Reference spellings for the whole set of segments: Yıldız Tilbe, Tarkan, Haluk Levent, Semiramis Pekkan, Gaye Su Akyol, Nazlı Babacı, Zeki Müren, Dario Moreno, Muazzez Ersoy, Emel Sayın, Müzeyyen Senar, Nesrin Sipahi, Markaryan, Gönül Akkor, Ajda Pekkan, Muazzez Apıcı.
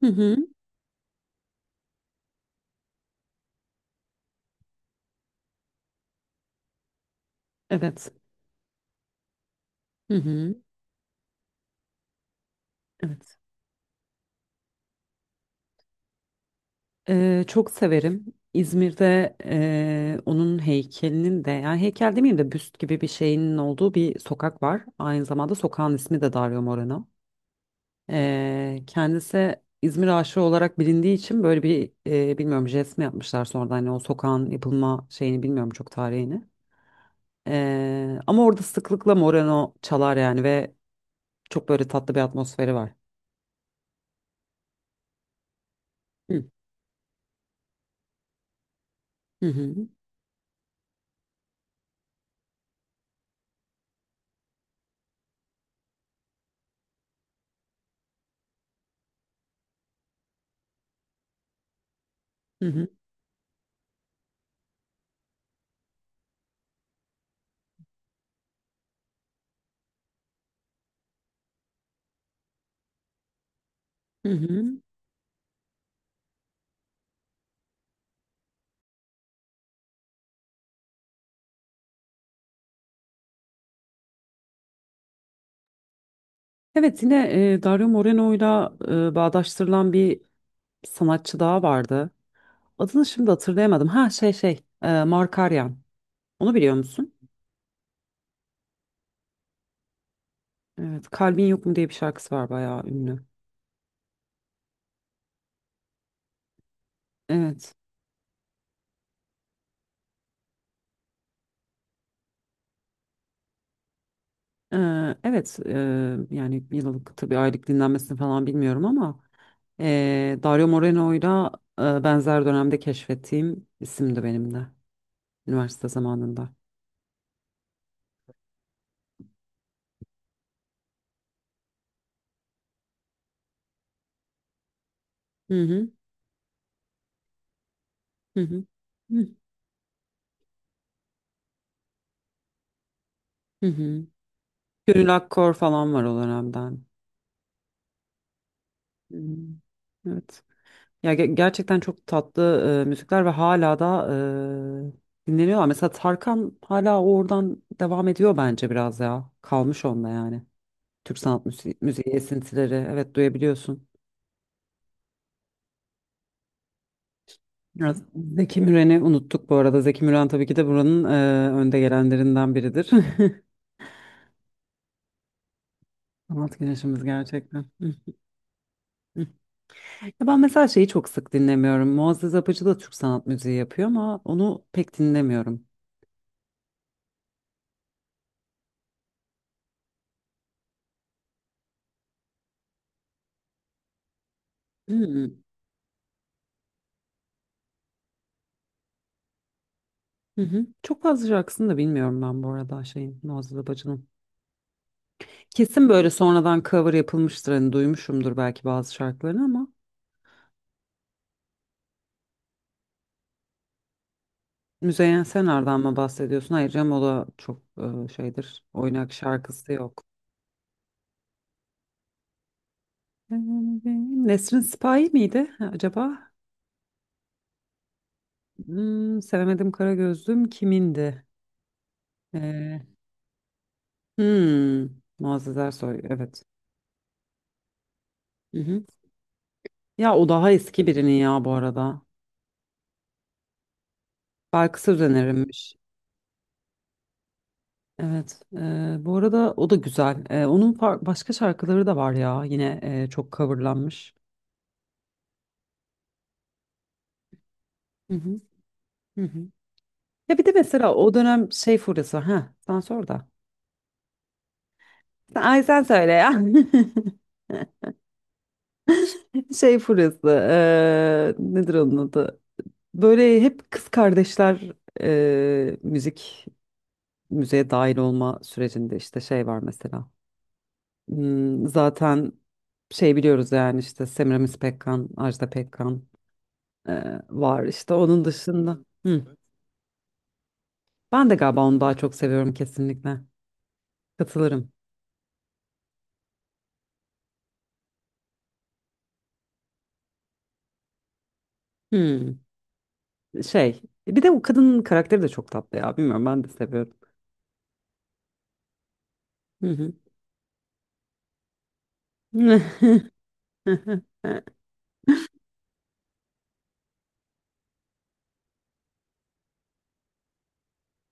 Hı hı, evet. Hı hı, evet. Çok severim. İzmir'de, onun heykelinin de, yani heykel demeyeyim de büst gibi bir şeyinin olduğu bir sokak var. Aynı zamanda sokağın ismi de Dario Moreno. Kendisi İzmir aşığı olarak bilindiği için böyle bir bilmiyorum jest mi yapmışlar sonradan, hani o sokağın yapılma şeyini bilmiyorum çok, tarihini. Ama orada sıklıkla Moreno çalar yani, ve çok böyle tatlı bir atmosferi var. Hı hı. Hı hı. Hı hı. Hı hı. Evet, yine Dario Moreno'yla bağdaştırılan bir sanatçı daha vardı. Adını şimdi hatırlayamadım. Ha, Markaryan. Onu biliyor musun? Evet, Kalbin Yok Mu diye bir şarkısı var, bayağı ünlü. Evet. E, evet, yani yıllık, tabii aylık dinlenmesini falan bilmiyorum ama Dario Moreno'yla benzer dönemde keşfettiğim isimdi benim de, üniversite zamanında. Hı hı hı hı. Hı hı. hı. Gönül Akkor falan var o dönemden. Hmm, Evet. Ya gerçekten çok tatlı müzikler ve hala da dinleniyorlar. Mesela Tarkan hala oradan devam ediyor bence biraz ya. Kalmış onda yani. Türk sanat müziği, müziği esintileri. Evet, duyabiliyorsun. Biraz Zeki Müren'i unuttuk bu arada. Zeki Müren tabii ki de buranın önde gelenlerinden biridir. Sanat güneşimiz gerçekten. Hı, hı. Ya ben mesela şeyi çok sık dinlemiyorum. Muazzez Apıcı da Türk sanat müziği yapıyor ama onu pek dinlemiyorum. Hmm. Hı. Çok fazla şarkısını da bilmiyorum ben bu arada şeyin, Nazlı Babacı'nın. Kesin böyle sonradan cover yapılmıştır, hani duymuşumdur belki bazı şarkılarını ama Müzeyyen Senar'dan mı bahsediyorsun? Hayır canım, o da çok şeydir, oynak şarkısı yok. Nesrin Sipahi miydi acaba? Sevemedim Kara Gözlüm kimindi? Ee, hmm, Muazzez Ersoy, evet. Hı hı. Ya o daha eski birinin ya bu arada. Belki Söz önerimmiş. Evet. Bu arada o da güzel. Onun başka şarkıları da var ya. Yine çok coverlanmış. Hı hı, hı hı. Ya bir de mesela o dönem şey furyası. Ha, sen sor da. Ay sen söyle ya. Şey furyası. Nedir onun adı? Böyle hep kız kardeşler müzik müzeye dahil olma sürecinde, işte şey var mesela. Zaten şey, biliyoruz yani, işte Semiramis Pekkan, Ajda Pekkan. Var işte onun dışında. Hı. Ben de galiba onu daha çok seviyorum, kesinlikle. Katılırım. Hı. Şey, bir de o kadının karakteri de çok tatlı ya. Bilmiyorum, ben de seviyorum. Hı hı.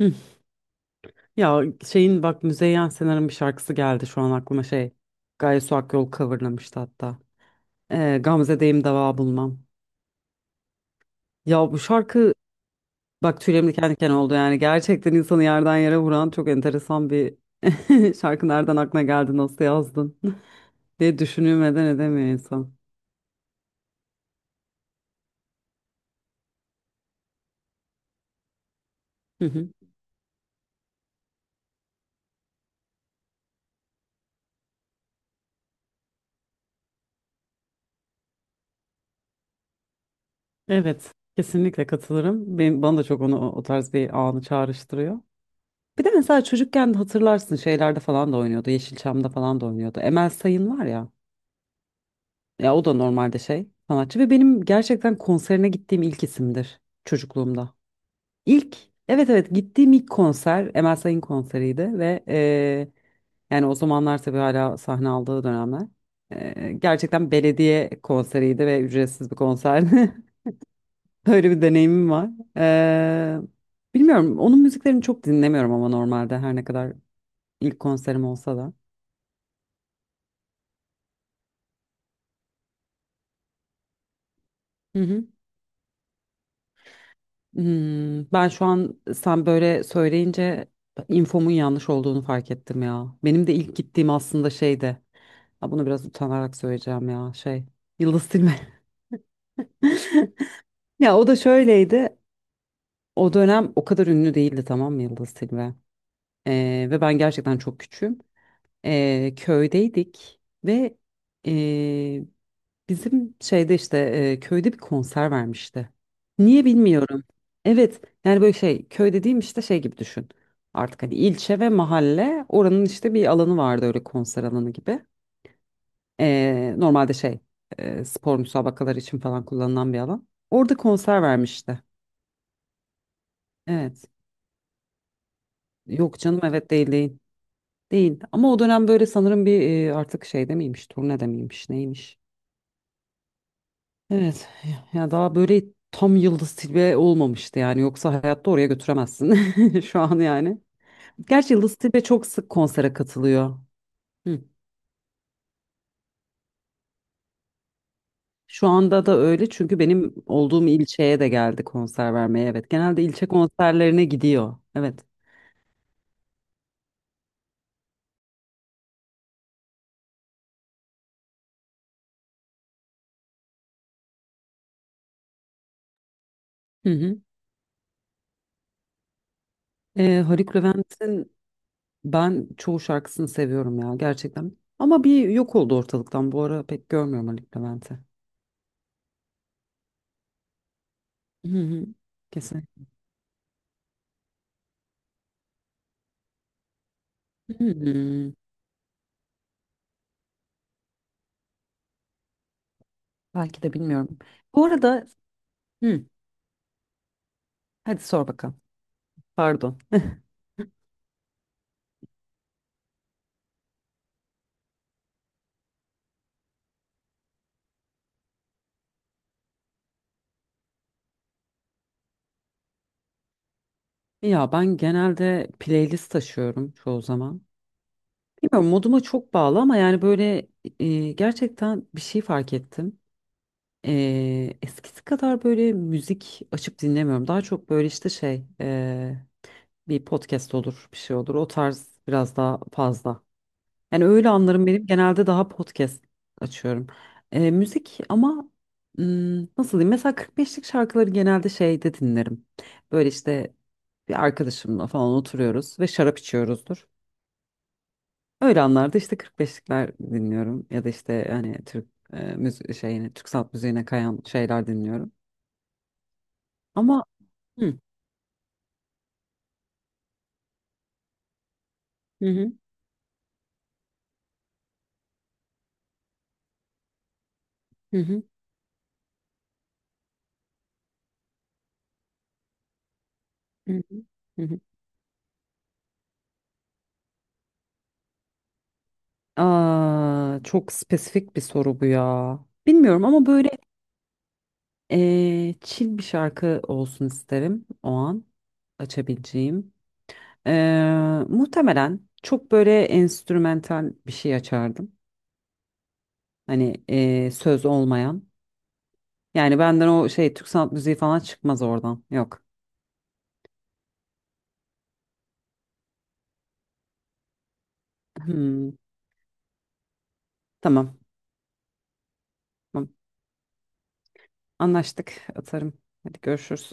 Hı. Ya şeyin, bak, Müzeyyen Senar'ın bir şarkısı geldi şu an aklıma, şey. Gaye Su Akyol coverlamıştı hatta. Gamze'deyim dava bulmam. Ya bu şarkı, bak, tüylerim diken diken oldu yani. Gerçekten insanı yerden yere vuran çok enteresan bir, şarkı nereden aklına geldi, nasıl yazdın, diye düşünülmeden edemiyor insan. Hı hı. Evet, kesinlikle katılırım. Bana da çok onu, o tarz bir anı çağrıştırıyor. Bir de mesela çocukken de hatırlarsın, şeylerde falan da oynuyordu. Yeşilçam'da falan da oynuyordu. Emel Sayın var ya. Ya o da normalde şey sanatçı ve benim gerçekten konserine gittiğim ilk isimdir, çocukluğumda. İlk, evet evet, gittiğim ilk konser Emel Sayın konseriydi ve yani o zamanlar tabii hala sahne aldığı dönemler. Gerçekten belediye konseriydi ve ücretsiz bir konserdi. Öyle bir deneyimim var. Ee, Bilmiyorum. Onun müziklerini çok dinlemiyorum ama normalde, her ne kadar ilk konserim olsa da. Hı hı. Ben şu an sen böyle söyleyince infomun yanlış olduğunu fark ettim ya. Benim de ilk gittiğim aslında şeydi. Ha, bunu biraz utanarak söyleyeceğim ya. Şey, Yıldız Tilbe. Ya o da şöyleydi. O dönem o kadar ünlü değildi, tamam mı, Yıldız Tilbe? Ve ben gerçekten çok küçüğüm. Köydeydik ve bizim şeyde işte, köyde bir konser vermişti. Niye bilmiyorum. Evet, yani böyle şey, köy dediğim işte şey gibi düşün. Artık hani ilçe ve mahalle, oranın işte bir alanı vardı, öyle konser alanı gibi. Normalde şey, spor müsabakaları için falan kullanılan bir alan. Orada konser vermişti. Evet. Yok canım, evet, değil, değil. Değil. Ama o dönem böyle sanırım bir artık şeyde miymiş, turnede miymiş, neymiş. Evet ya, daha böyle tam Yıldız Tilbe olmamıştı yani, yoksa hayatta oraya götüremezsin şu an yani. Gerçi Yıldız Tilbe çok sık konsere katılıyor. Hı. Şu anda da öyle, çünkü benim olduğum ilçeye de geldi konser vermeye, evet. Genelde ilçe konserlerine gidiyor, evet. Hı hı. Haluk Levent'in ben çoğu şarkısını seviyorum ya, gerçekten. Ama bir yok oldu ortalıktan, bu ara pek görmüyorum Haluk Levent'i. Hı hı. Kesin. Hı hı. Belki de, bilmiyorum. Bu arada Hı. Hadi sor bakalım. Pardon. Ya ben genelde playlist taşıyorum çoğu zaman. Bilmiyorum, moduma çok bağlı ama yani böyle gerçekten bir şey fark ettim. Eskisi kadar böyle müzik açıp dinlemiyorum. Daha çok böyle işte şey, bir podcast olur, bir şey olur. O tarz biraz daha fazla. Yani öyle anlarım, benim genelde daha podcast açıyorum. Müzik ama nasıl diyeyim? Mesela 45'lik şarkıları genelde şeyde dinlerim. Böyle işte bir arkadaşımla falan oturuyoruz ve şarap içiyoruzdur. Öyle anlarda işte 45'likler dinliyorum ya da işte hani Türk müzik şeyine, Türk sanat müziğine kayan şeyler dinliyorum. Ama hı hı hı hı hı hı. hı hı. Aa, çok spesifik bir soru bu ya. Bilmiyorum ama böyle, chill bir şarkı olsun isterim o an açabileceğim. Muhtemelen çok böyle enstrümantal bir şey açardım. Hani söz olmayan. Yani benden o şey Türk sanat müziği falan çıkmaz oradan. Yok. Hmm, tamam. Tamam. Anlaştık. Atarım. Hadi görüşürüz.